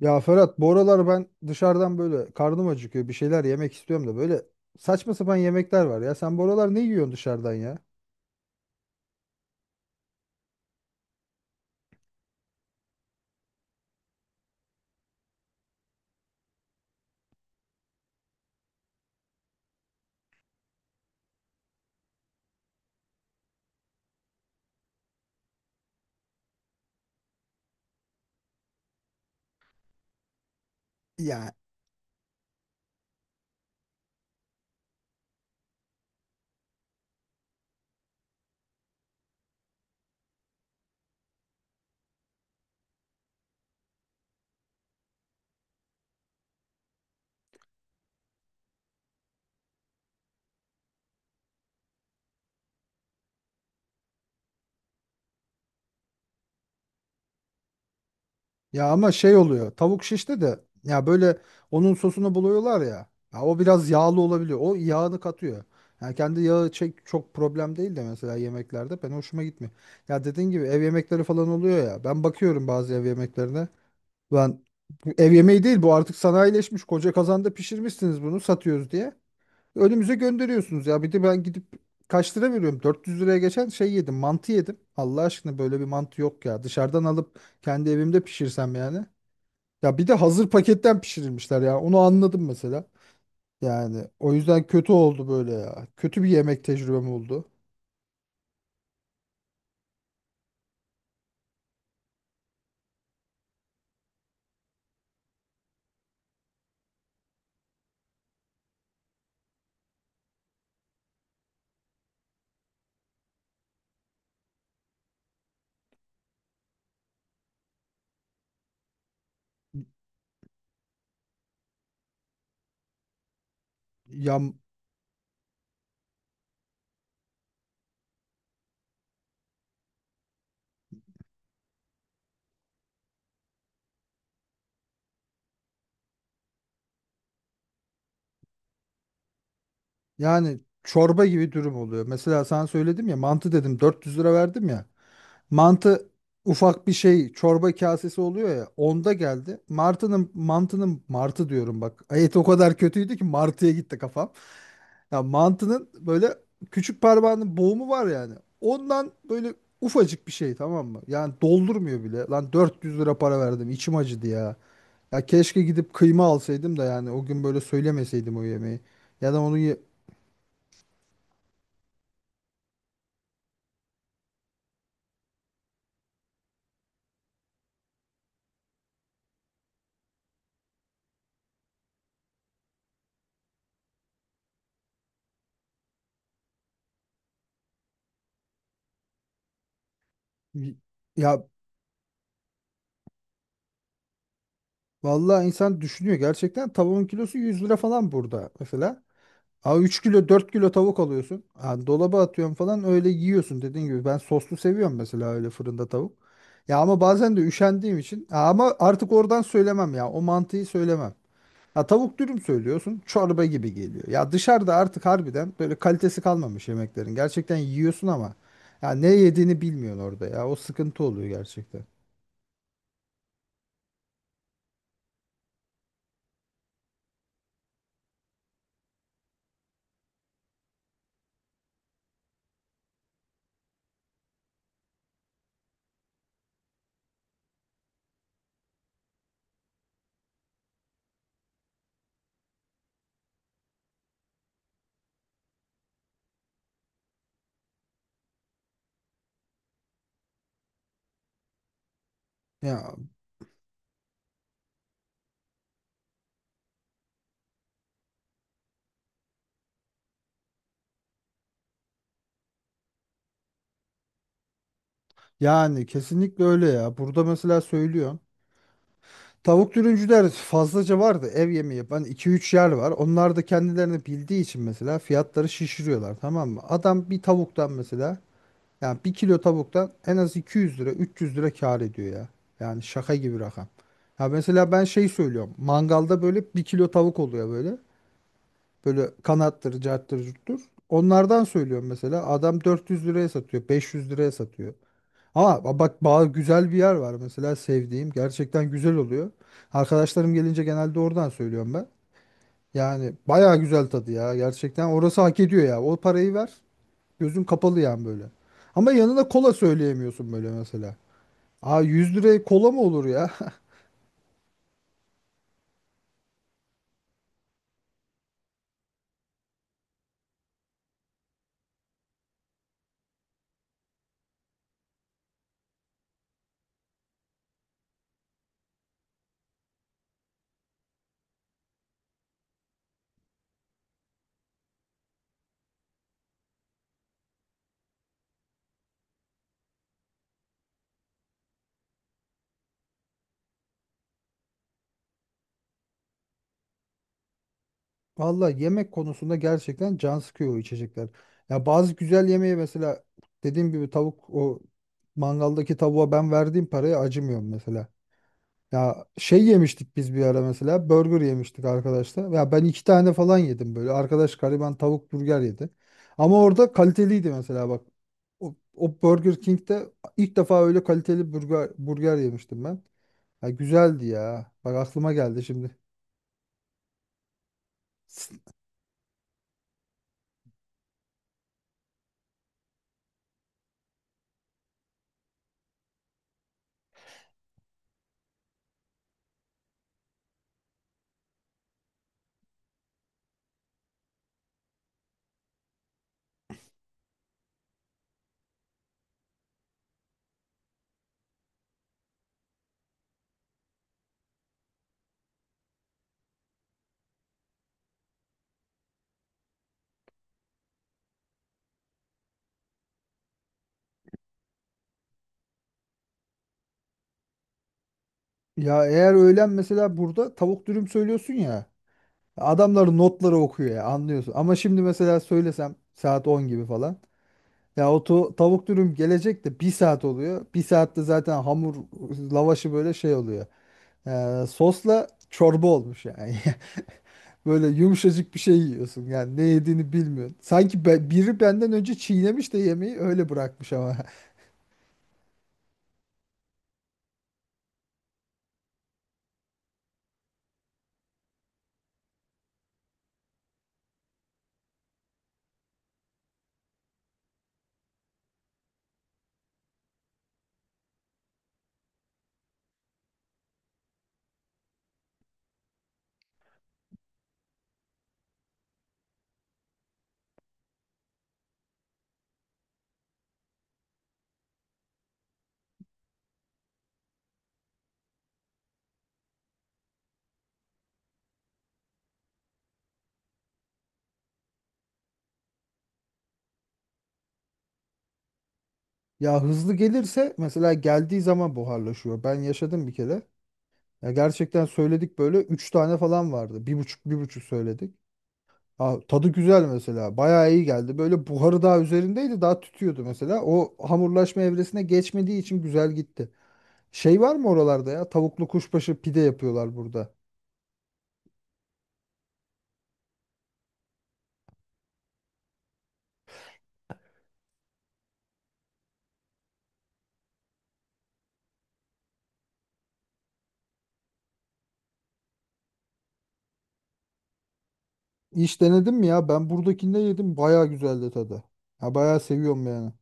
Ya Ferhat, bu aralar ben dışarıdan böyle karnım acıkıyor, bir şeyler yemek istiyorum da böyle saçma sapan yemekler var ya. Sen bu aralar ne yiyorsun dışarıdan ya? Ya ya ama şey oluyor, tavuk şişte de ya böyle onun sosunu buluyorlar ya. Ya o biraz yağlı olabiliyor. O yağını katıyor. Yani kendi yağı çek çok problem değil de mesela yemeklerde ben hoşuma gitmiyor. Ya dediğin gibi ev yemekleri falan oluyor ya. Ben bakıyorum bazı ev yemeklerine. Ben bu ev yemeği değil, bu artık sanayileşmiş, koca kazanda pişirmişsiniz bunu, satıyoruz diye. Önümüze gönderiyorsunuz ya. Bir de ben gidip kaç lira veriyorum? 400 liraya geçen şey yedim. Mantı yedim. Allah aşkına, böyle bir mantı yok ya. Dışarıdan alıp kendi evimde pişirsem yani. Ya bir de hazır paketten pişirilmişler ya. Onu anladım mesela. Yani o yüzden kötü oldu böyle ya. Kötü bir yemek tecrübem oldu. Ya, yani çorba gibi dürüm oluyor. Mesela sana söyledim ya, mantı dedim, 400 lira verdim ya. Mantı ufak bir şey, çorba kasesi oluyor ya, onda geldi. Martının mantının, martı diyorum bak. Et o kadar kötüydü ki martıya gitti kafam. Ya mantının böyle küçük parmağının boğumu var yani. Ondan böyle ufacık bir şey, tamam mı? Yani doldurmuyor bile. Lan 400 lira para verdim, içim acıdı ya. Ya keşke gidip kıyma alsaydım da yani o gün böyle söylemeseydim o yemeği. Ya da onu ye- Y- Ya vallahi insan düşünüyor gerçekten, tavuğun kilosu 100 lira falan burada mesela. Aa, 3 kilo 4 kilo tavuk alıyorsun. Ha, dolaba atıyorsun falan, öyle yiyorsun dediğin gibi. Ben soslu seviyorum mesela, öyle fırında tavuk. Ya ama bazen de üşendiğim için. Ha, ama artık oradan söylemem ya, o mantıyı söylemem. Ha, tavuk dürüm söylüyorsun, çorba gibi geliyor. Ya dışarıda artık harbiden böyle kalitesi kalmamış yemeklerin. Gerçekten yiyorsun ama ya ne yediğini bilmiyorsun orada, ya o sıkıntı oluyor gerçekten. Ya, yani kesinlikle öyle ya. Burada mesela söylüyorsun. Tavuk dürümcüler fazlaca vardı, ev yemeği yapan iki üç yer var. Onlar da kendilerini bildiği için mesela fiyatları şişiriyorlar, tamam mı? Adam bir tavuktan mesela, yani bir kilo tavuktan en az 200 lira 300 lira kâr ediyor ya. Yani şaka gibi rakam. Ya mesela ben şey söylüyorum. Mangalda böyle bir kilo tavuk oluyor böyle. Böyle kanattır, carttır, curttur. Onlardan söylüyorum mesela. Adam 400 liraya satıyor, 500 liraya satıyor. Ama bak, güzel bir yer var mesela sevdiğim. Gerçekten güzel oluyor. Arkadaşlarım gelince genelde oradan söylüyorum ben. Yani baya güzel tadı ya. Gerçekten orası hak ediyor ya, o parayı ver. Gözün kapalı yani böyle. Ama yanına kola söyleyemiyorsun böyle mesela. Aa, 100 liraya kola mı olur ya? Valla yemek konusunda gerçekten can sıkıyor o içecekler. Ya bazı güzel yemeği mesela, dediğim gibi tavuk, o mangaldaki tavuğa ben verdiğim paraya acımıyorum mesela. Ya şey yemiştik biz bir ara, mesela burger yemiştik arkadaşlar. Ya ben iki tane falan yedim böyle. Arkadaş gariban tavuk burger yedi. Ama orada kaliteliydi mesela bak. O Burger King'de ilk defa öyle kaliteli burger yemiştim ben. Ya güzeldi ya. Bak, aklıma geldi şimdi. Ya eğer öğlen mesela burada tavuk dürüm söylüyorsun ya. Adamların notları okuyor ya, anlıyorsun. Ama şimdi mesela söylesem saat 10 gibi falan. Ya o tavuk dürüm gelecek de bir saat oluyor. Bir saatte zaten hamur lavaşı böyle şey oluyor. Sosla çorba olmuş yani. Böyle yumuşacık bir şey yiyorsun, yani ne yediğini bilmiyorsun. Sanki biri benden önce çiğnemiş de yemeği öyle bırakmış ama. Ya hızlı gelirse mesela, geldiği zaman buharlaşıyor. Ben yaşadım bir kere. Ya gerçekten söyledik, böyle 3 tane falan vardı. Bir buçuk bir buçuk söyledik. Aa, tadı güzel mesela. Bayağı iyi geldi. Böyle buharı daha üzerindeydi. Daha tütüyordu mesela. O hamurlaşma evresine geçmediği için güzel gitti. Şey var mı oralarda ya? Tavuklu kuşbaşı pide yapıyorlar burada. Hiç denedim mi ya? Ben buradakinde yedim. Bayağı güzeldi tadı. Ya bayağı seviyorum yani.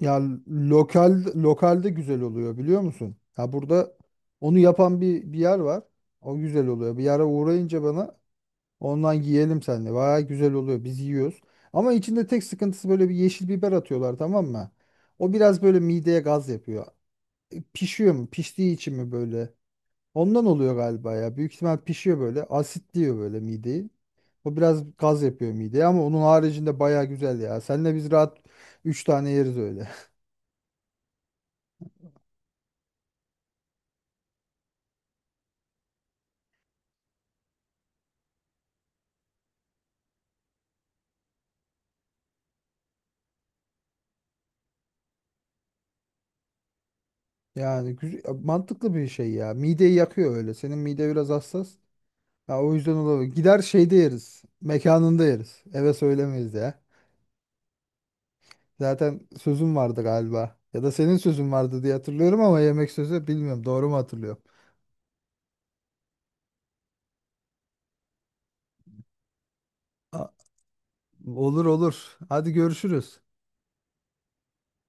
Ya, lokal, lokalde güzel oluyor biliyor musun? Ya burada onu yapan bir yer var. O güzel oluyor. Bir yere uğrayınca bana, ondan yiyelim seninle. Baya güzel oluyor. Biz yiyoruz. Ama içinde tek sıkıntısı, böyle bir yeşil biber atıyorlar tamam mı? O biraz böyle mideye gaz yapıyor. E, pişiyor mu? Piştiği için mi böyle? Ondan oluyor galiba ya. Büyük ihtimal pişiyor böyle. Asitliyor böyle mideyi. O biraz gaz yapıyor mideye ama onun haricinde baya güzel ya. Seninle biz rahat 3 tane yeriz öyle. Yani mantıklı bir şey ya. Mideyi yakıyor öyle. Senin mide biraz hassas. Ya o yüzden olabilir. Gider şeyde yeriz. Mekanında yeriz. Eve söylemeyiz ya. Zaten sözüm vardı galiba. Ya da senin sözün vardı diye hatırlıyorum ama yemek sözü bilmiyorum. Doğru mu hatırlıyorum? A- Olur olur. Hadi görüşürüz.